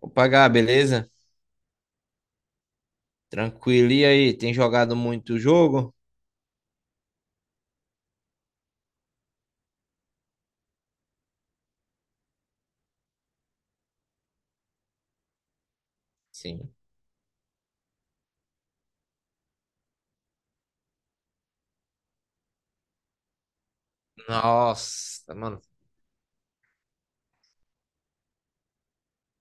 Opa, Gá, beleza? Tranquilo. E aí, tem jogado muito jogo? Sim. Nossa, mano.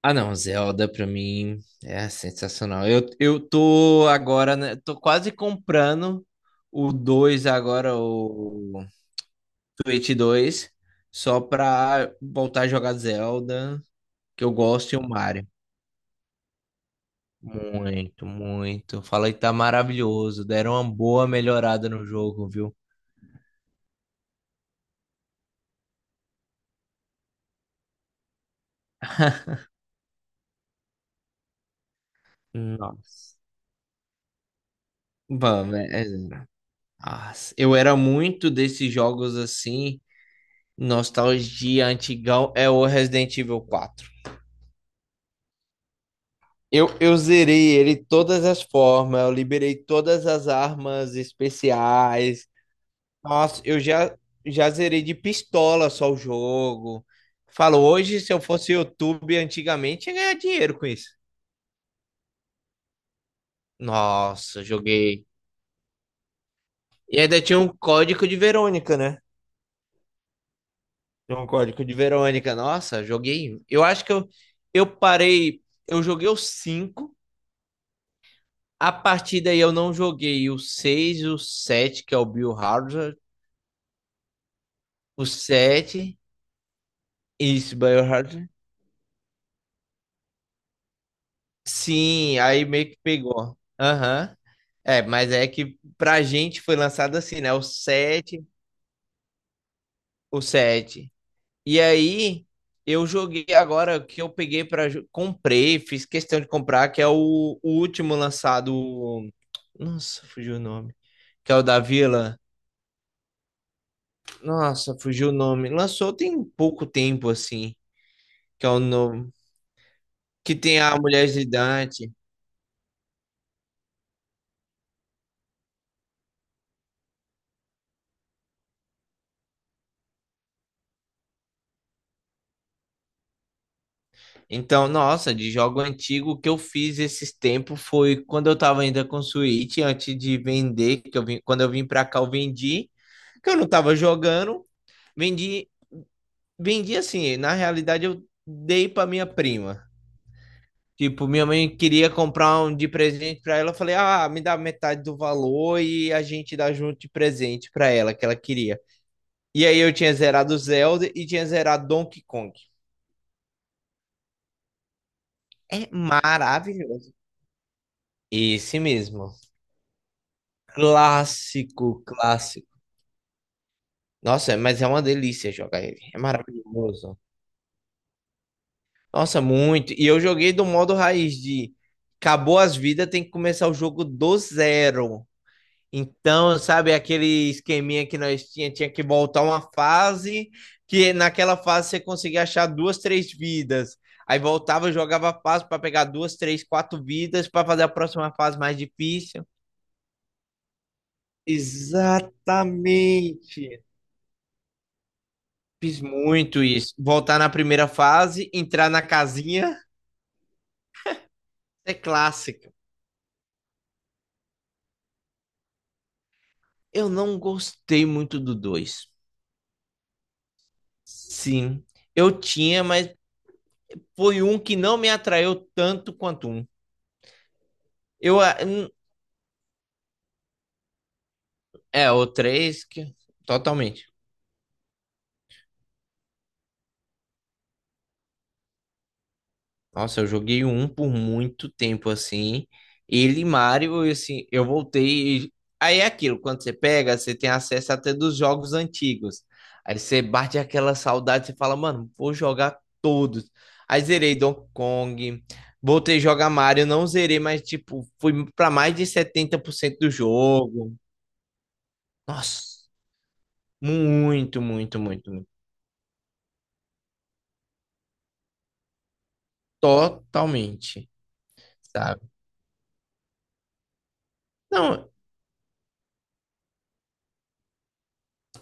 Ah, não, Zelda pra mim é sensacional. Eu tô agora, né, tô quase comprando o 2 agora, o Switch 2 só pra voltar a jogar Zelda, que eu gosto, e o Mario. Muito, muito. Fala que tá maravilhoso. Deram uma boa melhorada no jogo, viu? Nossa. Vamos, ah, eu era muito desses jogos assim, nostalgia antigão, é o Resident Evil 4. Eu zerei ele todas as formas, eu liberei todas as armas especiais. Nossa, eu já zerei de pistola só o jogo. Falo, hoje se eu fosse YouTube antigamente, ia ganhar dinheiro com isso. Nossa, joguei. E ainda tinha um código de Verônica, né? Tem um código de Verônica. Nossa, joguei um. Eu acho que eu parei. Eu joguei o cinco. A partir daí eu não joguei o seis, o sete, que é o Biohazard. O sete. Isso, Biohazard. Sim, aí meio que pegou. Aham. É, mas é que pra gente foi lançado assim, né? O 7. E aí eu joguei agora que eu peguei comprei, fiz questão de comprar, que é o último lançado. Nossa, fugiu o nome. Que é o da Vila. Nossa, fugiu o nome. Lançou tem pouco tempo, assim. Que é o novo. Que tem a Mulher Gigante. Então, nossa, de jogo antigo, o que eu fiz esses tempos foi quando eu tava ainda com Switch, antes de vender, que eu vim, pra cá, eu vendi, que eu não tava jogando, vendi, vendi assim, na realidade eu dei pra minha prima. Tipo, minha mãe queria comprar um de presente pra ela. Eu falei, ah, me dá metade do valor e a gente dá junto de presente pra ela, que ela queria. E aí eu tinha zerado Zelda e tinha zerado Donkey Kong. É maravilhoso. Esse mesmo. Clássico, clássico. Nossa, mas é uma delícia jogar ele. É maravilhoso. Nossa, muito. E eu joguei do modo raiz de acabou as vidas, tem que começar o jogo do zero. Então, sabe, aquele esqueminha que nós tinha, tinha que voltar uma fase, que naquela fase você conseguia achar duas, três vidas. Aí voltava, jogava a fase para pegar duas, três, quatro vidas para fazer a próxima fase mais difícil. Exatamente. Fiz muito isso. Voltar na primeira fase, entrar na casinha, é clássica. Eu não gostei muito do dois. Sim, eu tinha, mas foi um que não me atraiu tanto quanto um. Eu, ah, É, o 3 que totalmente. Nossa, eu joguei o 1 por muito tempo assim. Ele e Mario, assim, eu aí é aquilo, quando você pega, você tem acesso até dos jogos antigos. Aí você bate aquela saudade, você fala, mano, vou jogar todos. Aí zerei Donkey Kong, voltei a jogar Mario, não zerei, mas tipo, fui pra mais de 70% do jogo. Nossa, muito, muito, muito, muito. Totalmente, sabe? Não,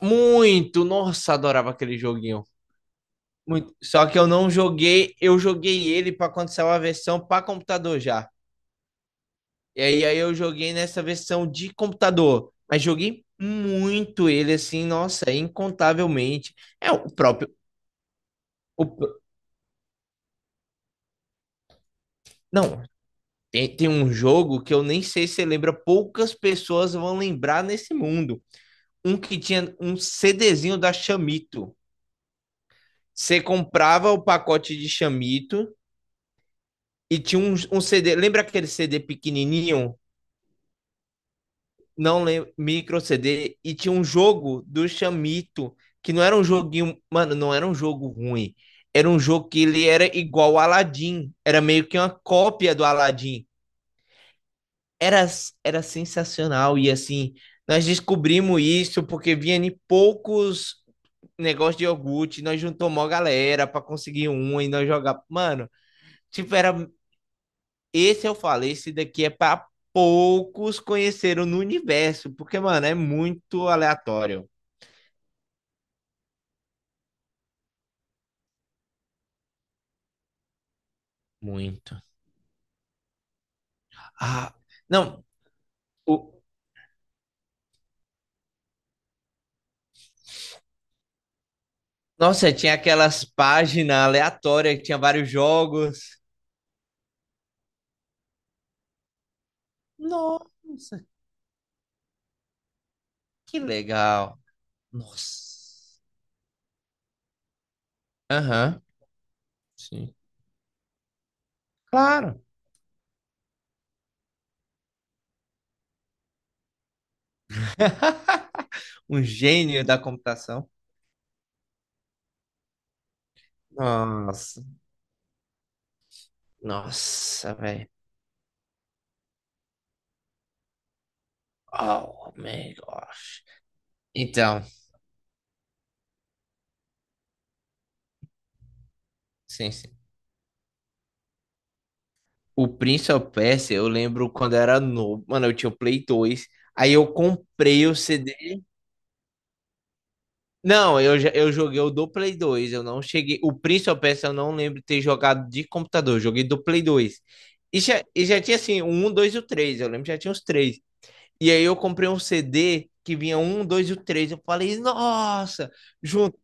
muito, nossa, adorava aquele joguinho. Muito. Só que eu não joguei, eu joguei ele para quando saiu a versão para computador já. E aí, aí eu joguei nessa versão de computador, mas joguei muito ele assim, nossa, incontavelmente. É o próprio, o pr- não, tem um jogo que eu nem sei se você lembra, poucas pessoas vão lembrar nesse mundo. Um que tinha um CDzinho da Chamito. Você comprava o pacote de Chamito. E tinha um CD, lembra aquele CD pequenininho? Não lembro, micro CD. E tinha um jogo do Chamito, que não era um joguinho, mano, não era um jogo ruim. Era um jogo que ele era igual ao Aladdin. Era meio que uma cópia do Aladdin. Era, era sensacional. E assim, nós descobrimos isso porque vinha em poucos negócios de iogurte, nós juntamos uma galera para conseguir um e nós jogar. Mano, tipo, era. Esse eu falei, esse daqui é para poucos conheceram no universo, porque, mano, é muito aleatório. Muito. Ah, não, o... nossa, tinha aquelas páginas aleatórias que tinha vários jogos. Nossa, que legal. Nossa. Aham, sim. Claro, um gênio da computação. Nossa, nossa, velho. Oh, my gosh. Então, sim, sim. O Prince of Persia, eu lembro quando eu era novo, mano, eu tinha o Play 2, aí eu comprei o CD. Não, eu, já- eu joguei o do Play 2, eu não cheguei. O Prince of Persia eu não lembro de ter jogado de computador, eu joguei do Play 2. E já tinha assim, o 1, 2 e o 3, eu lembro que já tinha os três. E aí eu comprei um CD que vinha um, dois e o 3, eu falei, nossa, junto,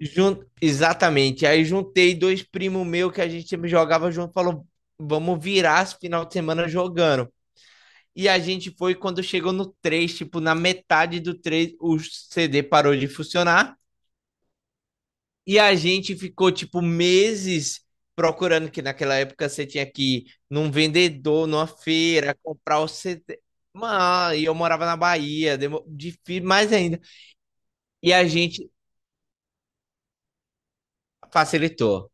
junto, exatamente. Aí juntei dois primos meus que a gente sempre jogava junto, falou, vamos virar esse final de semana jogando. E a gente foi quando chegou no 3 tipo, na metade do 3 o CD parou de funcionar. E a gente ficou, tipo, meses procurando, que naquela época você tinha que ir num vendedor, numa feira, comprar o CD. Mano, e eu morava na Bahia, mais ainda. E a gente facilitou.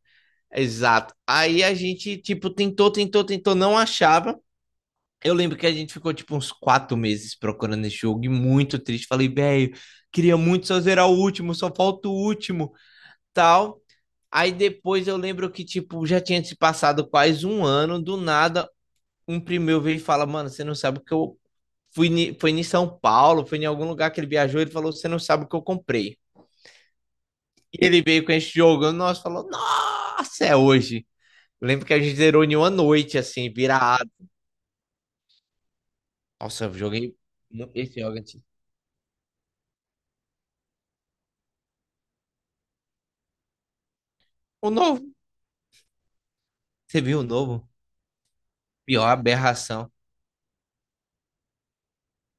Exato. Aí a gente, tipo, tentou, tentou, tentou, não achava. Eu lembro que a gente ficou tipo uns 4 meses procurando esse jogo e muito triste. Falei, velho, queria muito só zerar o último, só falta o último, tal. Aí depois eu lembro que, tipo, já tinha se passado quase um ano, do nada, um primeiro veio e fala, mano, você não sabe o que eu fui, foi em São Paulo, foi em algum lugar que ele viajou, ele falou, você não sabe o que eu comprei. E ele veio com esse jogo, nós falou, nossa, é hoje. Eu lembro que a gente zerou em uma noite, assim, virado. Nossa, eu joguei esse jogo antes. O novo. Você viu o novo? Pior aberração.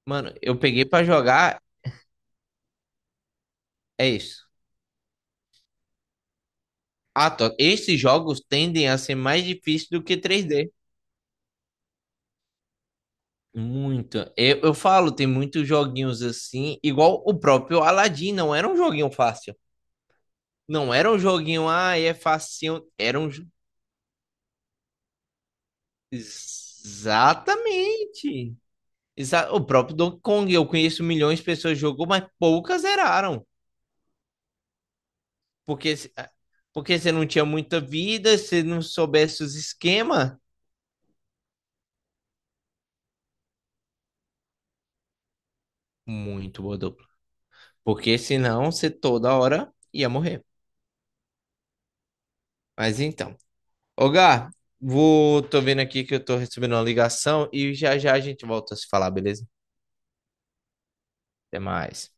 Mano, eu peguei pra jogar, é isso. Ah, tô. Esses jogos tendem a ser mais difíceis do que 3D. Muito. Eu falo, tem muitos joguinhos assim, igual o próprio Aladdin, não era um joguinho fácil. Não era um joguinho, ah, é facinho. Exatamente. O próprio Donkey Kong, eu conheço milhões de pessoas que jogou, mas poucas zeraram. Porque, porque você não tinha muita vida, se não soubesse os esquemas, muito boa dupla. Porque senão você toda hora ia morrer. Mas então. Ô, Gá, tô vendo aqui que eu tô recebendo uma ligação e já já a gente volta a se falar, beleza? Até mais.